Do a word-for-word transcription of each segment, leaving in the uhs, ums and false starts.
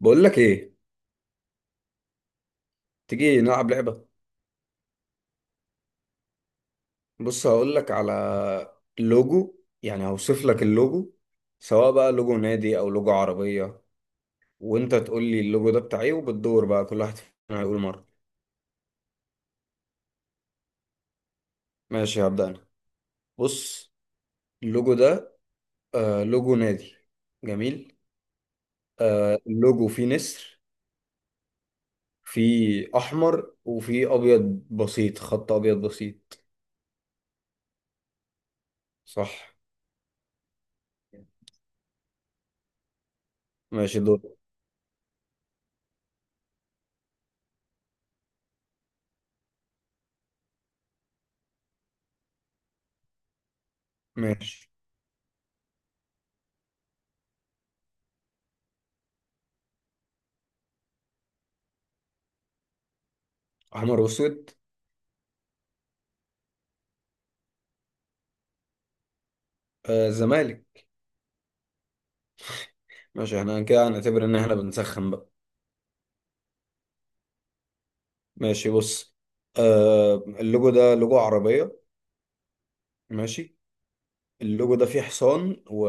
بقول لك ايه؟ تيجي نلعب لعبة. بص هقول لك على لوجو، يعني هوصف لك اللوجو، سواء بقى لوجو نادي او لوجو عربية، وانت تقول لي اللوجو ده بتاع ايه. وبتدور بقى كل واحد فينا هيقول مرة. ماشي هبدأ انا. بص اللوجو ده، آه لوجو نادي جميل. آه اللوجو فيه نسر، فيه احمر وفيه ابيض بسيط، خط ابيض بسيط. صح. ماشي دور. ماشي. احمر واسود. آه، زمالك. ماشي، احنا كده هنعتبر ان احنا بنسخن بقى. ماشي بص. آه اللوجو ده لوجو عربية. ماشي. اللوجو ده فيه حصان و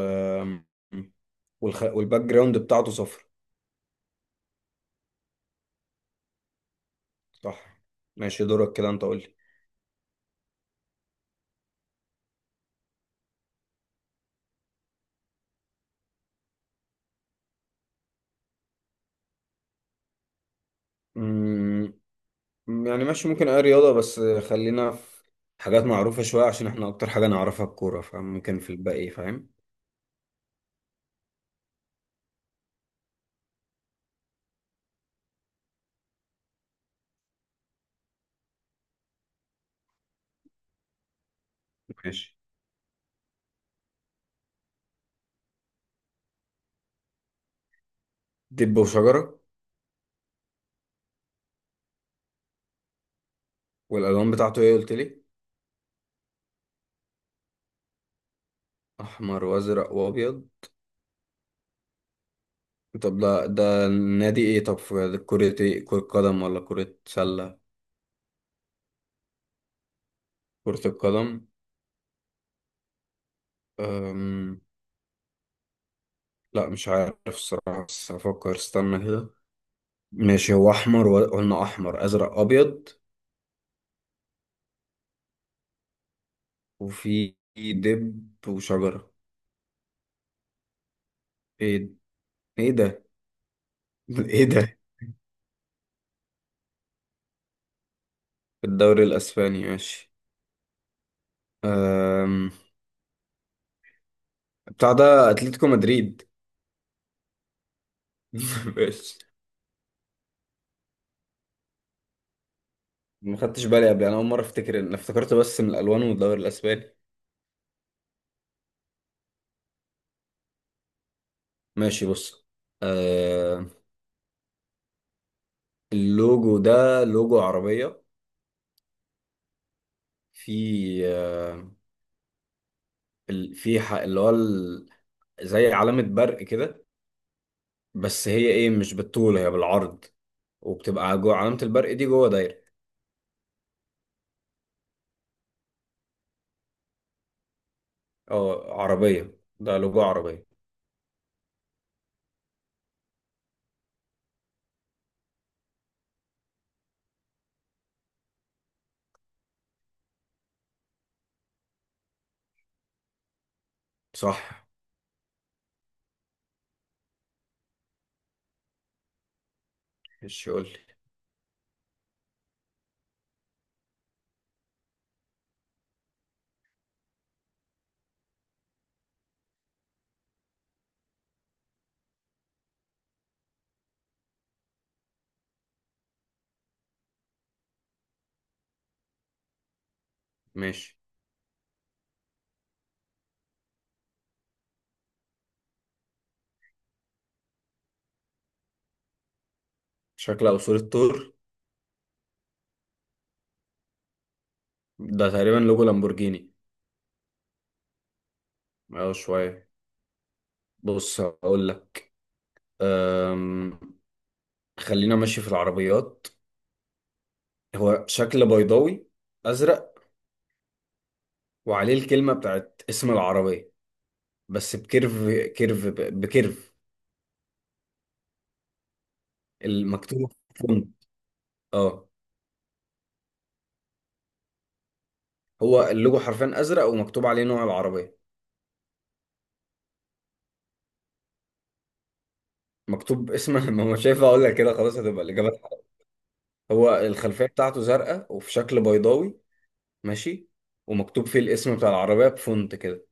والخ... والباك جراوند بتاعته صفر. صح. ماشي، دورك كده، انت قول لي. مم، يعني ماشي، ممكن اي رياضة، بس خلينا في حاجات معروفة شوية، عشان احنا اكتر حاجة نعرفها الكورة، فممكن في الباقي. فاهم؟ ماشي. دب وشجرة. والالوان بتاعته ايه قلت لي؟ احمر وازرق وابيض. طب ده ده النادي ايه؟ طب في كرة ايه، كرة قدم ولا كرة سلة؟ كرة القدم. أم... لا مش عارف الصراحة، بس هفكر، استنى كده. ماشي، هو أحمر و- قلنا أحمر أزرق أبيض. وفي دب وشجرة. ايه؟ ايه ده؟ ايه ده؟ في الدوري الأسباني؟ ماشي. أم... بتاع ده أتلتيكو مدريد. ماشي. ما خدتش بالي قبل، أنا أول مرة أفتكر، إن افتكرت بس من الألوان والدوري الأسباني. ماشي بص. آه، اللوجو ده لوجو عربية. في آه، ال- في ح- اللي هو ال- زي علامة برق كده، بس هي ايه، مش بالطول، هي بالعرض. وبتبقى جوه علامة البرق دي جوه دايرة. اه عربية، ده لوجو عربية. صح. مش يقول لي. ماشي. شكل او صورة طور. ده تقريبا لوجو لامبورجيني. اه شوية. بص هقول لك. أم، خلينا ماشي في العربيات. هو شكل بيضاوي ازرق، وعليه الكلمة بتاعت اسم العربية، بس بكيرف. كيرف ب- بكيرف المكتوب. فونت. اه. هو اللوجو حرفيا ازرق ومكتوب عليه نوع العربيه. مكتوب اسمها. ما هو شايف، اقول لك كده خلاص هتبقى الاجابه الحرام. هو الخلفيه بتاعته زرقاء وفي شكل بيضاوي. ماشي. ومكتوب فيه الاسم بتاع العربيه بفونت كده.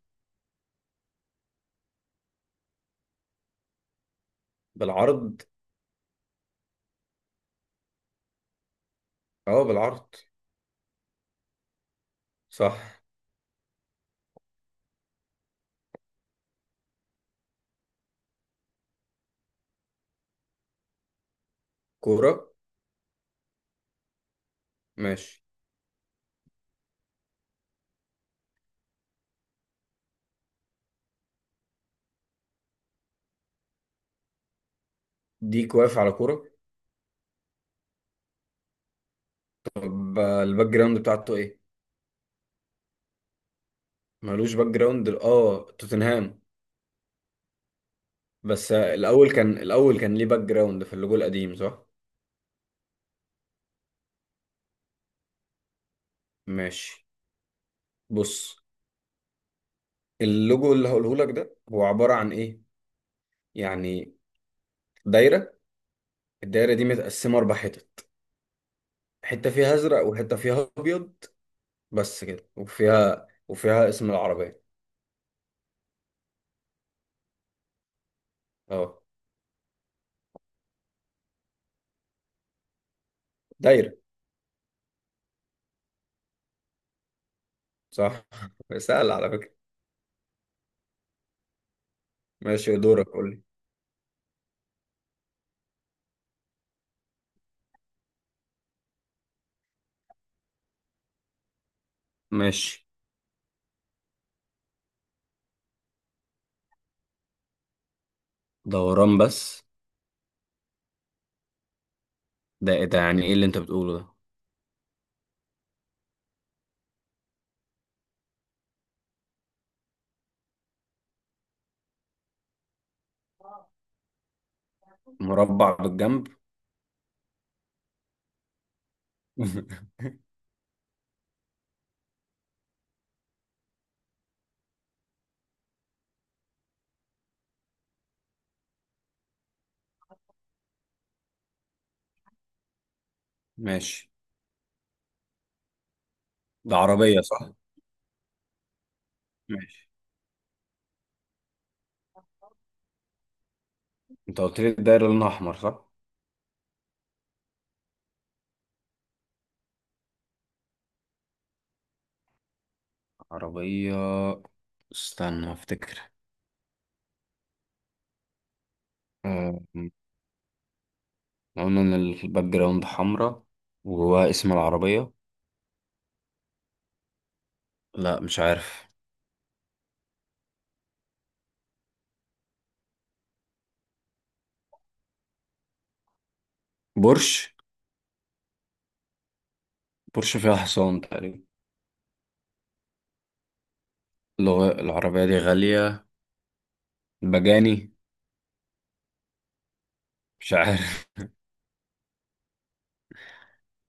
بالعرض. اه بالعرض. صح. كوره. ماشي. ديك واقف على كوره. طب آه، الباك جراوند بتاعته ايه؟ مالوش باك جراوند. اه توتنهام. بس آه، الاول كان الاول كان ليه باك جراوند في اللوجو القديم صح؟ ماشي بص. اللوجو اللي هقوله لك ده هو عبارة عن ايه؟ يعني دايرة. الدايرة دي متقسمة اربع حتت، حتة فيها ازرق وحتة فيها ابيض. بس كده. وفيها وفيها اسم العربية. اه دايرة. صح. سهل على فكرة. ماشي دورك، قول لي. ماشي. دوران بس. ده ايه ده؟ يعني ايه اللي انت بتقوله ده؟ مربع بالجنب. ماشي. ده عربية صح. ماشي. انت قلت لي الدايرة لونها احمر صح؟ عربية. استنى افتكر. آه، قلنا ان الباك جراوند حمرا، وجواها اسم العربية. لا مش عارف. بورش. بورش فيها حصان تقريبا. لو العربية دي غالية، بجاني. مش عارف.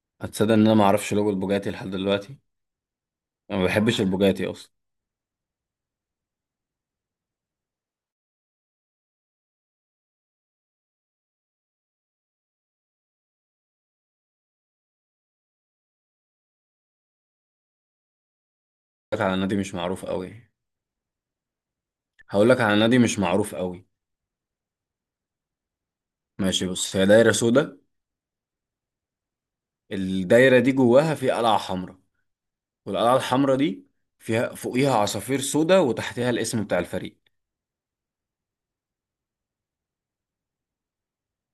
هتصدق ان انا معرفش لوجو البوجاتي لحد دلوقتي. انا ما بحبش البوجاتي اصلا. هقولك على نادي مش معروف قوي. هقول لك على نادي مش معروف قوي. ماشي بص، هي دايرة سودا. الدايرة دي جواها في قلعة حمراء. والقلعة الحمراء دي فيها فوقيها عصافير سودا وتحتها الاسم بتاع الفريق.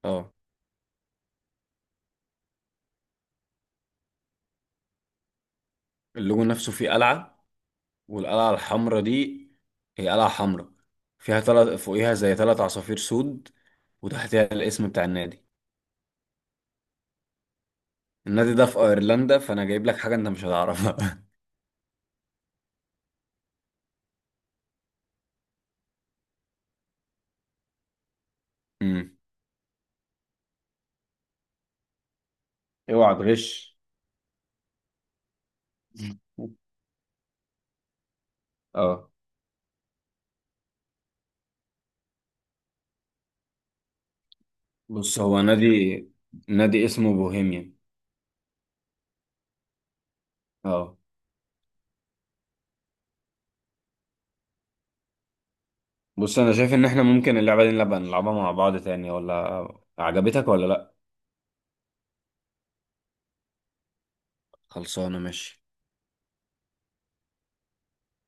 اه. اللوجو نفسه فيه قلعة. والقلعة الحمراء دي هي قلعة حمراء، فيها تلت فوقيها زي تلت عصافير سود وتحتها الاسم بتاع النادي. النادي ده في ايرلندا، فانا جايب لك حاجة انت مش هتعرفها. امم اوعى تغش. اه بص، هو نادي نادي اسمه بوهيميان. اه. بص، انا شايف ان احنا ممكن اللعبة دي نلعبها نلعبها مع بعض تاني، ولا عجبتك ولا لا؟ خلصانة ماشي